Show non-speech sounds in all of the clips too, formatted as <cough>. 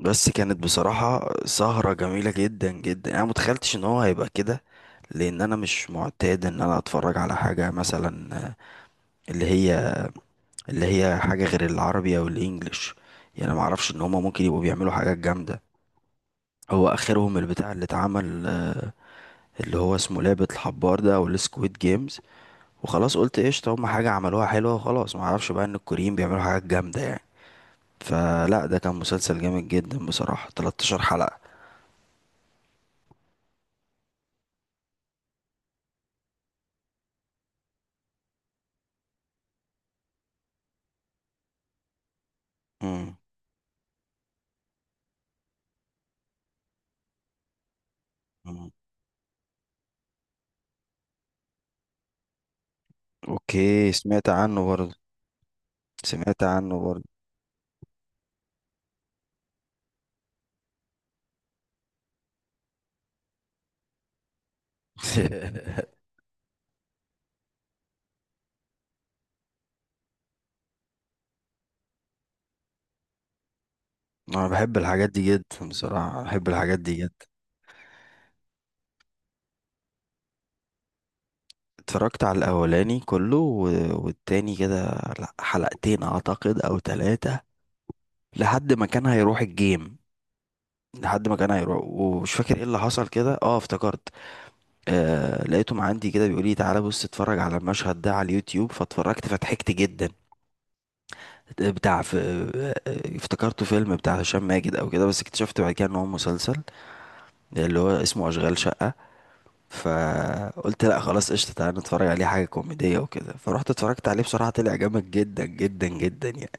بس كانت بصراحة سهرة جميلة جدا جدا، انا متخيلتش ان هو هيبقى كده. لان انا مش معتاد ان انا اتفرج على حاجة مثلا اللي هي اللي هي حاجة غير العربي او الانجليش. يعني ما اعرفش ان هما ممكن يبقوا بيعملوا حاجات جامدة. هو اخرهم البتاع اللي اتعمل، اللي هو اسمه لعبة الحبار ده او السكويد جيمز. وخلاص قلت قشطة، هما حاجة عملوها حلوة وخلاص، ما اعرفش بقى ان الكوريين بيعملوا حاجات جامدة يعني. فلا، ده كان مسلسل جامد جدا بصراحة، 13 حلقة. مم. اوكي سمعت عنه برضه. سمعت عنه برضه. <laughs> انا بحب الحاجات دي جدا بصراحة، بحب الحاجات دي جدا. اتفرجت على الاولاني كله والتاني كده. لا، حلقتين اعتقد او ثلاثة. لحد ما كان هيروح الجيم. لحد ما كان هيروح ومش فاكر ايه اللي حصل كده، اه افتكرت. آه لقيتهم عندي كده بيقول لي تعالى بص اتفرج على المشهد ده على اليوتيوب، فاتفرجت فضحكت جدا. بتاع في افتكرته فيلم بتاع هشام ماجد او كده، بس اكتشفت بعد كده ان هو مسلسل اللي هو اسمه أشغال شقة. فقلت لا خلاص قشطة، تعالى نتفرج عليه حاجة كوميدية وكده. فروحت اتفرجت عليه بصراحة طلع جامد جدا جدا جدا يعني.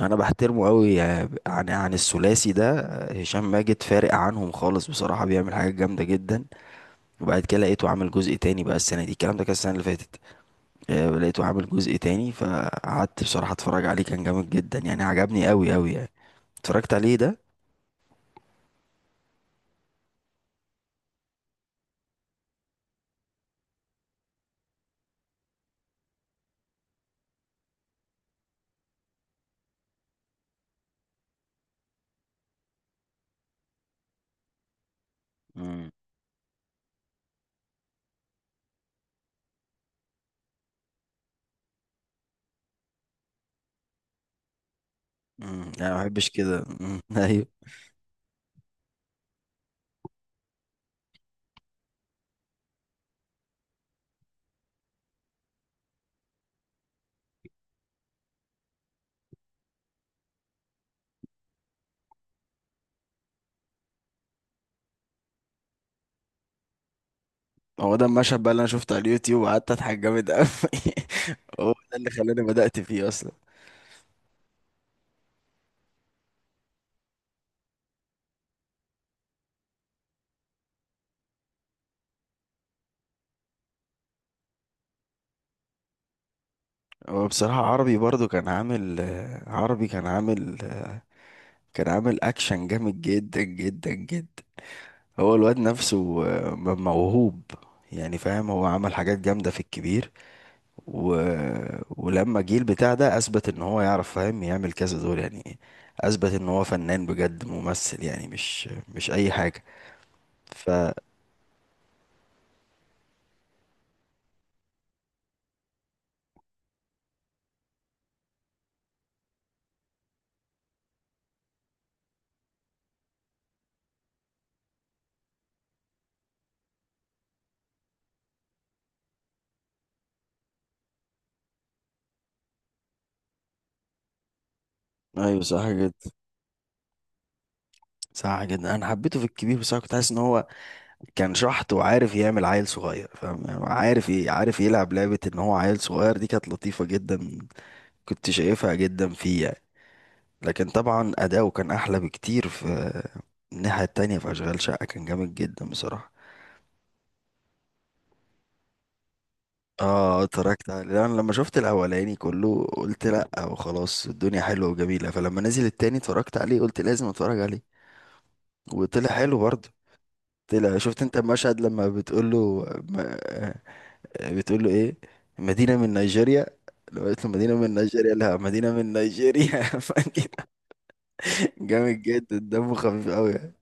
أنا بحترمه قوي، عن عن الثلاثي ده، هشام ماجد فارق عنهم خالص بصراحة، بيعمل حاجات جامدة جدا. وبعد كده لقيته عامل جزء تاني بقى السنة دي، الكلام ده كان السنة اللي فاتت. لقيته عامل جزء تاني، فقعدت بصراحة اتفرج عليه كان جامد جدا يعني، عجبني قوي قوي يعني. اتفرجت عليه ده. امم انا ما بحبش كده. <laughs> ايوه، هو ده المشهد بقى اللي انا شفته على اليوتيوب وقعدت اضحك جامد قوي. <laughs> هو ده اللي خلاني بدأت فيه اصلا. هو بصراحة عربي برضو كان عامل، عربي كان عامل، كان عامل اكشن جامد جدا جدا جدا. هو الواد نفسه موهوب يعني، فاهم هو عمل حاجات جامدة في الكبير. و... ولما جه البتاع ده اثبت ان هو يعرف فاهم يعمل كذا دور يعني. اثبت ان هو فنان بجد، ممثل يعني، مش اي حاجة. ف ايوه صح جدا. صح جدا، انا حبيته في الكبير بس انا كنت حاسس ان هو كان شحط وعارف يعمل عيل صغير، فاهم يعني، عارف عارف يلعب لعبة ان هو عيل صغير، دي كانت لطيفة جدا، كنت شايفها جدا فيه يعني. لكن طبعا اداؤه كان احلى بكتير في الناحية التانية، في اشغال شقة كان جامد جدا بصراحة. اه اتفرجت عليه، انا لما شفت الاولاني كله قلت لا وخلاص الدنيا حلوة وجميلة، فلما نزل التاني اتفرجت عليه قلت لازم اتفرج عليه. وطلع حلو برضه. طلع، شفت انت المشهد لما بتقول له، بتقول له ايه، مدينة من نيجيريا. لو قلت له مدينة من نيجيريا، لا مدينة من نيجيريا. <laughs> فاكر؟ جامد جدا، دمه خفيف قوي يعني.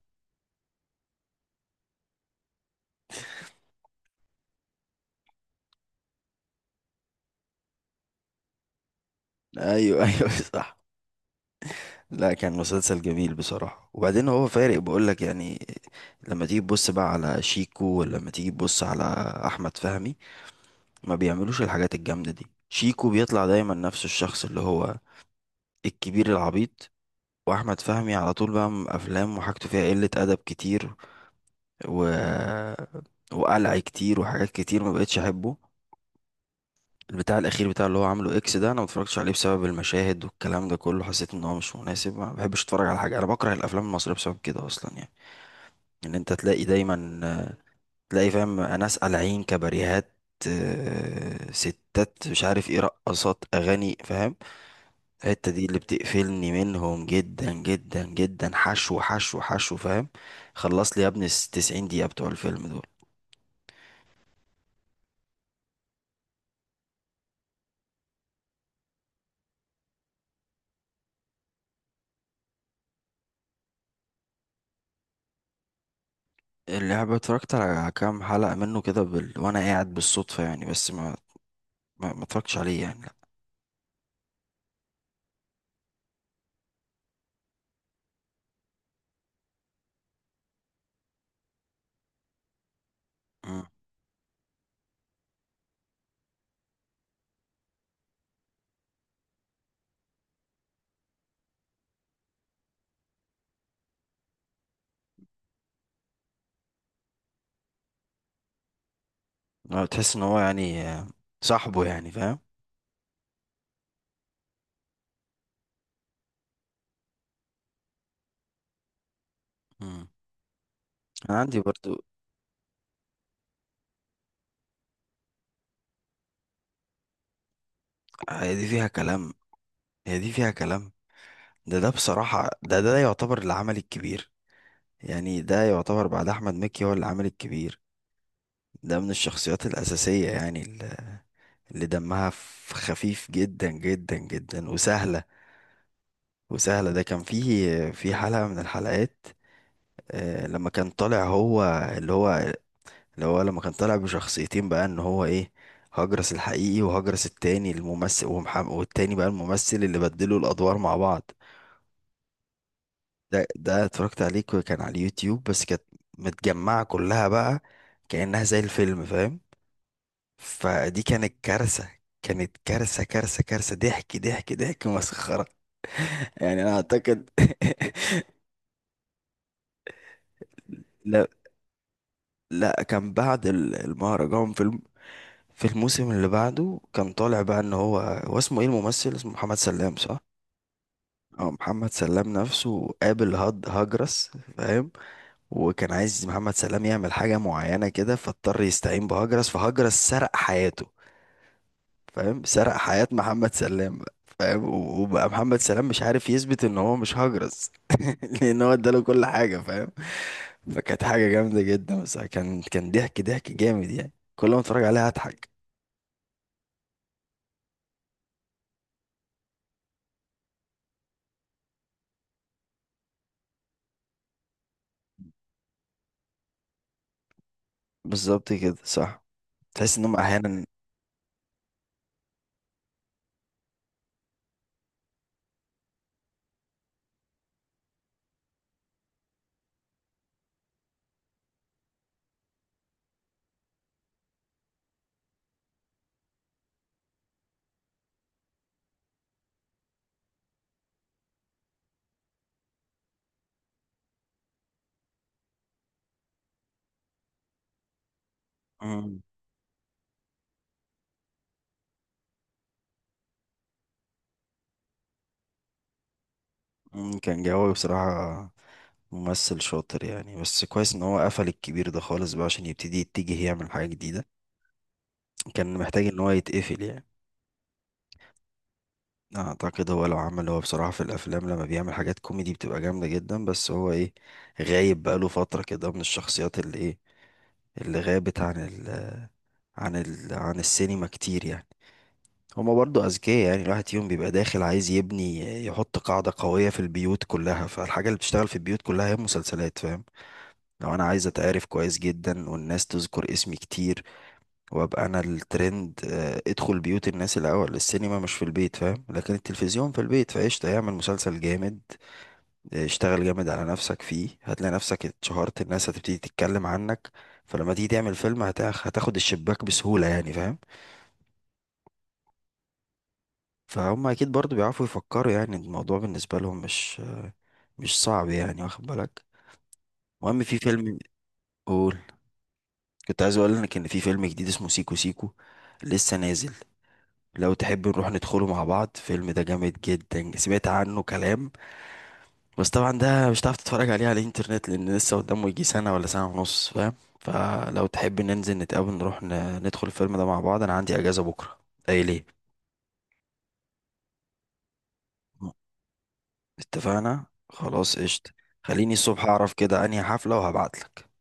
ايوه ايوه صح. لا كان مسلسل جميل بصراحة، وبعدين هو فارق بقول لك يعني. لما تيجي تبص بقى على شيكو، ولما تيجي تبص على احمد فهمي، ما بيعملوش الحاجات الجامدة دي. شيكو بيطلع دايما نفس الشخص اللي هو الكبير العبيط. واحمد فهمي على طول بقى افلام وحاجته فيها قلة ادب كتير، و... وقلع كتير وحاجات كتير، ما بقتش احبه. البتاع الاخير بتاع اللي هو عامله اكس ده انا ما اتفرجتش عليه بسبب المشاهد والكلام ده كله، حسيت ان هو مش مناسب. ما بحبش اتفرج على حاجه، انا بكره الافلام المصريه بسبب كده اصلا يعني. ان انت تلاقي دايما، تلاقي فاهم ناس قالعين كباريهات، ستات مش عارف ايه، رقصات اغاني فاهم، الحته دي اللي بتقفلني منهم جدا جدا جدا. حشو حشو حشو فاهم، خلص لي يا ابني 90 دقيقه بتوع الفيلم دول. اللعبة اتفرجت على كام حلقة منه كده وانا قاعد بالصدفة يعني، بس ما اتفرجتش عليه يعني، لا. مم. لا، تحس ان هو يعني، صاحبه يعني فاهم. مم. انا عندي برضو. هي دي فيها كلام. هي دي فيها كلام. ده بصراحة، ده يعتبر العمل الكبير يعني، ده يعتبر بعد احمد مكي هو العمل الكبير. ده من الشخصيات الأساسية يعني، اللي دمها خفيف جدا جدا جدا وسهلة. ده كان فيه في حلقة من الحلقات، لما كان طالع هو اللي هو اللي هو لما كان طالع بشخصيتين بقى ان هو ايه، هجرس الحقيقي وهجرس التاني الممثل، ومحمد والتاني بقى الممثل، اللي بدلوا الادوار مع بعض. ده اتفرجت عليه، كان على اليوتيوب بس كانت متجمعة كلها بقى كأنها زي الفيلم فاهم. فدي كانت كارثة، كانت كارثة كارثة، ضحك ضحك ضحك مسخرة. <laughs> يعني انا اعتقد. <laughs> لا، لا كان بعد المهرجان فيلم. في الموسم اللي بعده كان طالع بقى ان هو اسمه ايه الممثل، اسمه محمد سلام صح. اه محمد سلام نفسه قابل هاد هجرس فاهم. وكان عايز محمد سلام يعمل حاجة معينة كده، فاضطر يستعين بهجرس، فهجرس سرق حياته فاهم، سرق حياة محمد سلام بقى فاهم. وبقى محمد سلام مش عارف يثبت ان هو مش هجرس. <laughs> لان هو اداله كل حاجة فاهم. فكانت حاجة جامدة جدا، بس كان كان ضحك ضحك جامد يعني، كل ما اتفرج عليها اضحك. بالظبط كده صح. تحس انهم احيانا. مم. مم، كان جوي بصراحة، ممثل شاطر يعني. بس كويس ان هو قفل الكبير ده خالص بقى عشان يبتدي يتجه يعمل حاجة جديدة، كان محتاج ان هو يتقفل يعني. اعتقد هو لو عمل، هو بصراحة في الافلام لما بيعمل حاجات كوميدي بتبقى جامدة جدا، بس هو ايه، غايب بقاله فترة كده من الشخصيات، اللي ايه، اللي غابت عن ال عن السينما كتير يعني. هما برضو أذكياء يعني، الواحد فيهم بيبقى داخل عايز يبني، يحط قاعدة قوية في البيوت كلها، فالحاجة اللي بتشتغل في البيوت كلها هي المسلسلات فاهم. لو أنا عايز أتعرف كويس جدا والناس تذكر اسمي كتير وأبقى أنا الترند، ادخل بيوت الناس الأول، السينما مش في البيت فاهم، لكن التلفزيون في البيت، فقشطة يعمل مسلسل جامد. اشتغل جامد على نفسك فيه، هتلاقي نفسك اتشهرت، الناس هتبتدي تتكلم عنك، فلما تيجي تعمل فيلم هتاخد الشباك بسهولة يعني فاهم. فهم اكيد برضو بيعرفوا يفكروا يعني، الموضوع بالنسبة لهم مش صعب يعني، واخد بالك. المهم في فيلم، قول. كنت عايز اقول لك ان في فيلم جديد اسمه سيكو سيكو، لسه نازل. لو تحب نروح ندخله مع بعض، الفيلم ده جامد جدا، سمعت عنه كلام. بس طبعا ده مش هتعرف تتفرج عليه على الانترنت لان لسه قدامه يجي سنة ولا سنة ونص فاهم. فلو تحب ننزل نتقابل نروح ندخل الفيلم ده مع بعض، انا عندي اجازة بكرة. ايه ليه. اتفقنا خلاص قشطة. خليني الصبح اعرف كده انهي حفلة وهبعتلك.